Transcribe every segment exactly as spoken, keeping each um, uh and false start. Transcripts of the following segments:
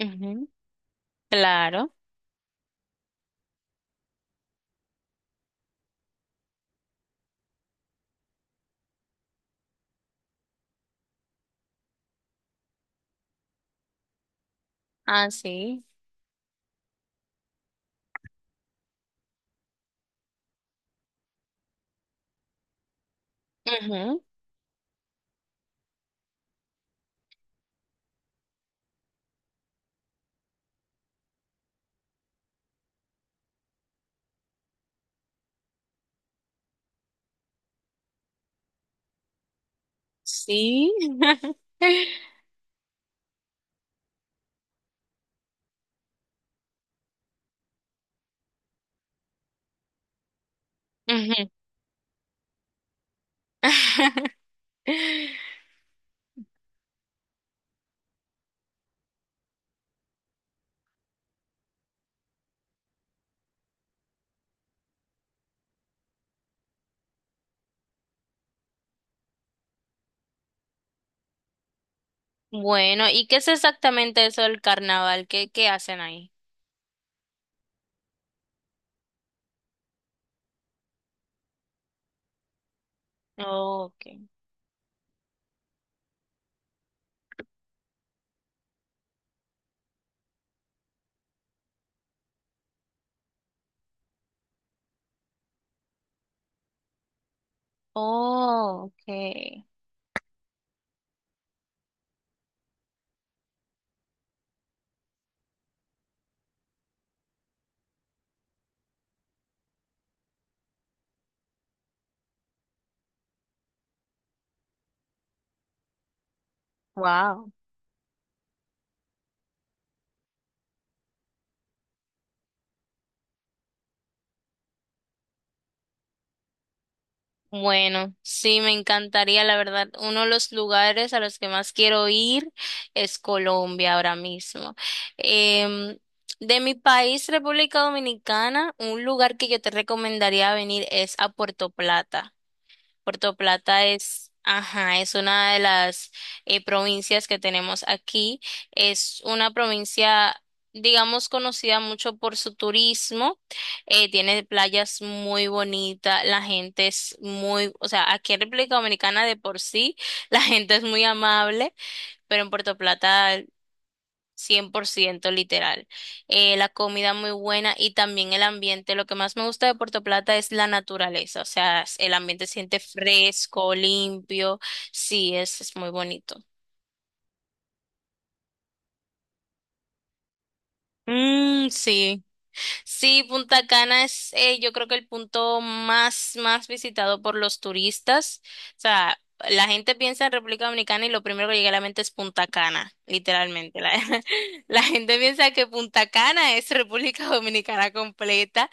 Ujú, claro. Así. Ujú, sí. Ujú. Bueno, ¿y qué es exactamente eso del carnaval? ¿Qué, qué hacen ahí? Oh, okay. Oh, okay. Wow. Bueno, sí, me encantaría, la verdad. Uno de los lugares a los que más quiero ir es Colombia ahora mismo. Em, de mi país, República Dominicana, un lugar que yo te recomendaría venir es a Puerto Plata. Puerto Plata es, ajá, es una de las eh, provincias que tenemos aquí. Es una provincia, digamos, conocida mucho por su turismo. Eh, tiene playas muy bonitas, la gente es muy, o sea, aquí en República Dominicana de por sí, la gente es muy amable, pero en Puerto Plata cien por ciento literal. Eh, la comida muy buena y también el ambiente. Lo que más me gusta de Puerto Plata es la naturaleza, o sea, s- el ambiente se siente fresco, limpio. Sí, es, es muy bonito. Mm, sí, sí, Punta Cana es eh, yo creo que el punto más, más visitado por los turistas. O sea, la gente piensa en República Dominicana y lo primero que llega a la mente es Punta Cana, literalmente. La, la gente piensa que Punta Cana es República Dominicana completa.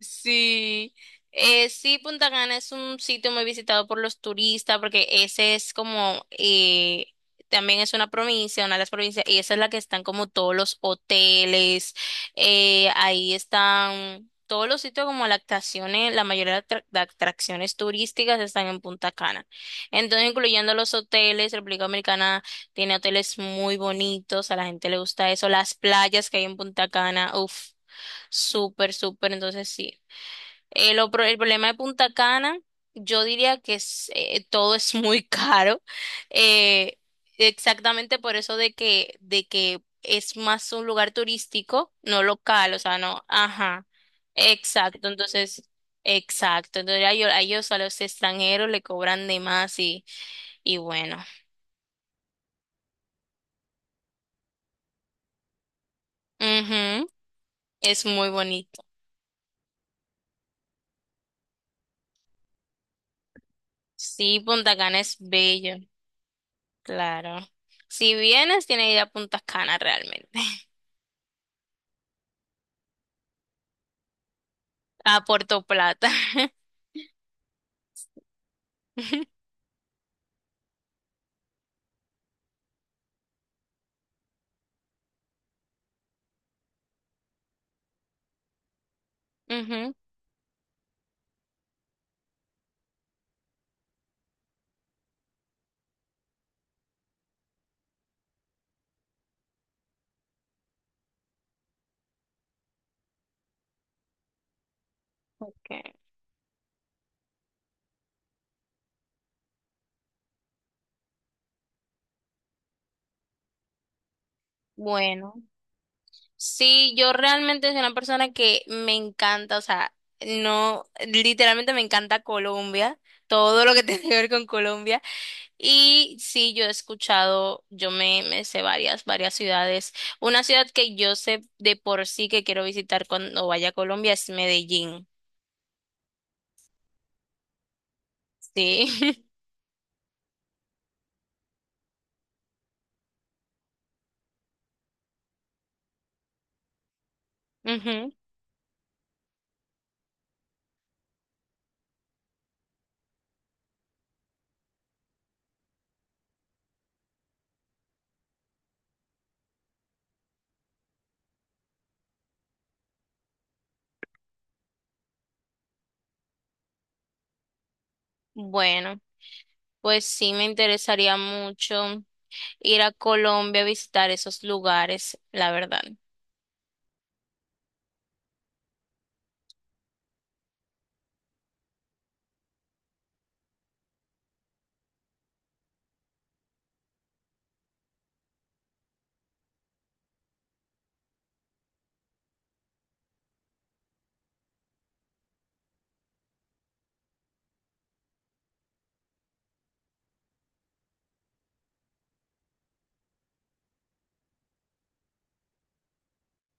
Sí, eh, sí, Punta Cana es un sitio muy visitado por los turistas porque ese es como, eh, también es una provincia, una de las provincias, y esa es la que están como todos los hoteles, eh, ahí están todos los sitios como las atracciones, la mayoría de atra- de atracciones turísticas están en Punta Cana. Entonces, incluyendo los hoteles, República Dominicana tiene hoteles muy bonitos, a la gente le gusta eso, las playas que hay en Punta Cana, uff. Súper, súper. Entonces sí, eh, lo pro- el problema de Punta Cana, yo diría que es, eh, todo es muy caro. eh, Exactamente por eso de que, de que es más un lugar turístico, no local, o sea, no, ajá. Exacto, entonces, exacto. Entonces a ellos, a ellos, a los extranjeros le cobran de más y, y bueno. Ujú. Es muy bonito. Sí, Punta Cana es bello, claro. Si vienes, tienes que ir a Punta Cana realmente. A Puerto Plata. Ujú, ok. Bueno, sí, yo realmente soy una persona que me encanta, o sea, no, literalmente me encanta Colombia, todo lo que tiene que ver con Colombia. Y sí, yo he escuchado, yo me, me sé varias, varias ciudades. Una ciudad que yo sé de por sí que quiero visitar cuando vaya a Colombia es Medellín. Sí. Ujú. Bueno, pues sí, me interesaría mucho ir a Colombia a visitar esos lugares, la verdad.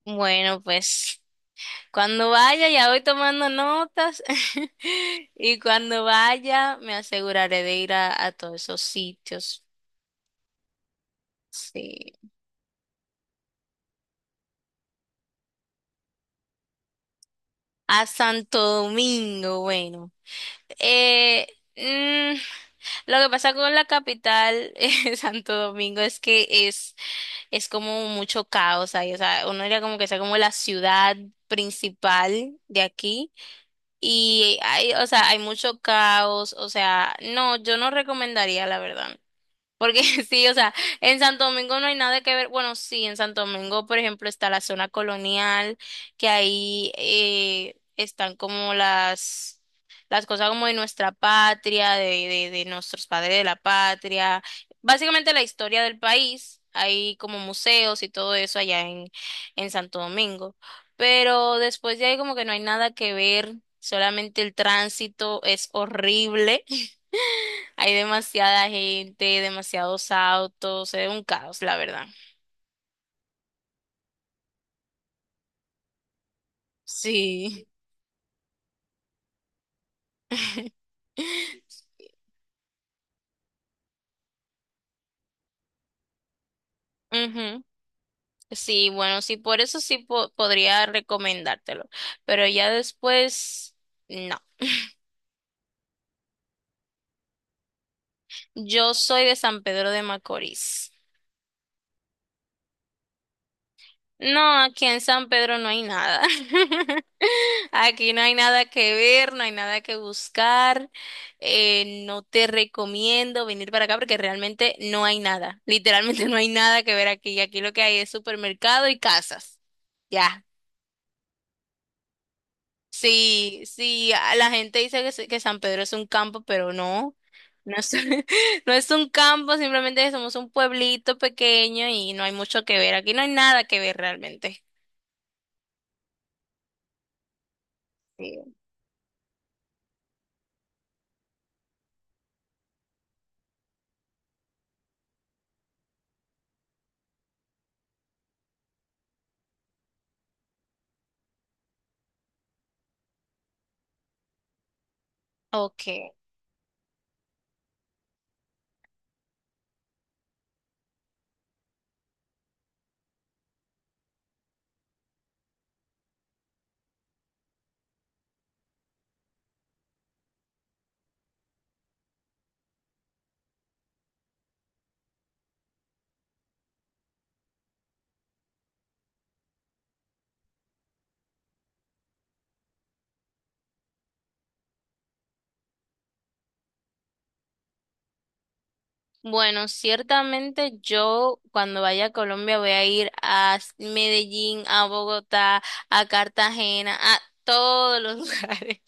Bueno, pues cuando vaya ya voy tomando notas y cuando vaya me aseguraré de ir a, a todos esos sitios. Sí. A Santo Domingo, bueno. Eh, mm, lo que pasa con la capital, eh, Santo Domingo, es que es, es como mucho caos ahí. O sea, uno diría como que sea como la ciudad principal de aquí. Y hay, o sea, hay mucho caos, o sea, no, yo no recomendaría, la verdad. Porque sí, o sea, en Santo Domingo no hay nada que ver. Bueno, sí, en Santo Domingo, por ejemplo, está la zona colonial, que ahí eh, están como las, las cosas como de nuestra patria, de, de, de nuestros padres de la patria, básicamente la historia del país. Hay como museos y todo eso allá en, en Santo Domingo. Pero después de ahí como que no hay nada que ver, solamente el tránsito es horrible. Hay demasiada gente, demasiados autos, es un caos, la verdad. Sí. Ujú. Sí, bueno, sí, por eso sí po- podría recomendártelo, pero ya después, no. Yo soy de San Pedro de Macorís. No, aquí en San Pedro no hay nada. Aquí no hay nada que ver, no hay nada que buscar. Eh, no te recomiendo venir para acá porque realmente no hay nada. Literalmente no hay nada que ver aquí. Aquí lo que hay es supermercado y casas. Ya. Sí, sí, a- la gente dice que, se- que San Pedro es un campo, pero no. No es, no es un campo, simplemente somos un pueblito pequeño y no hay mucho que ver. Aquí no hay nada que ver realmente. Sí. Ok. Bueno, ciertamente yo cuando vaya a Colombia voy a ir a s- Medellín, a Bogotá, a Cartagena, a todos los lugares.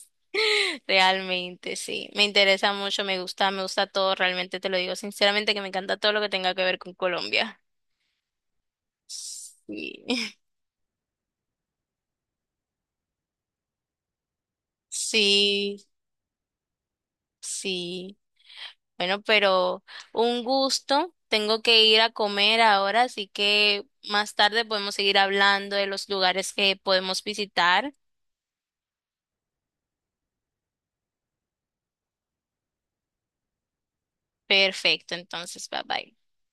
Realmente, sí. Me interesa mucho, me gusta, me gusta todo. Realmente te lo digo sinceramente que me encanta todo lo que tenga que ver con Colombia. Sí, sí, sí. Bueno, pero un gusto. Tengo que ir a comer ahora, así que más tarde podemos seguir hablando de los lugares que podemos visitar. Perfecto, entonces, bye bye.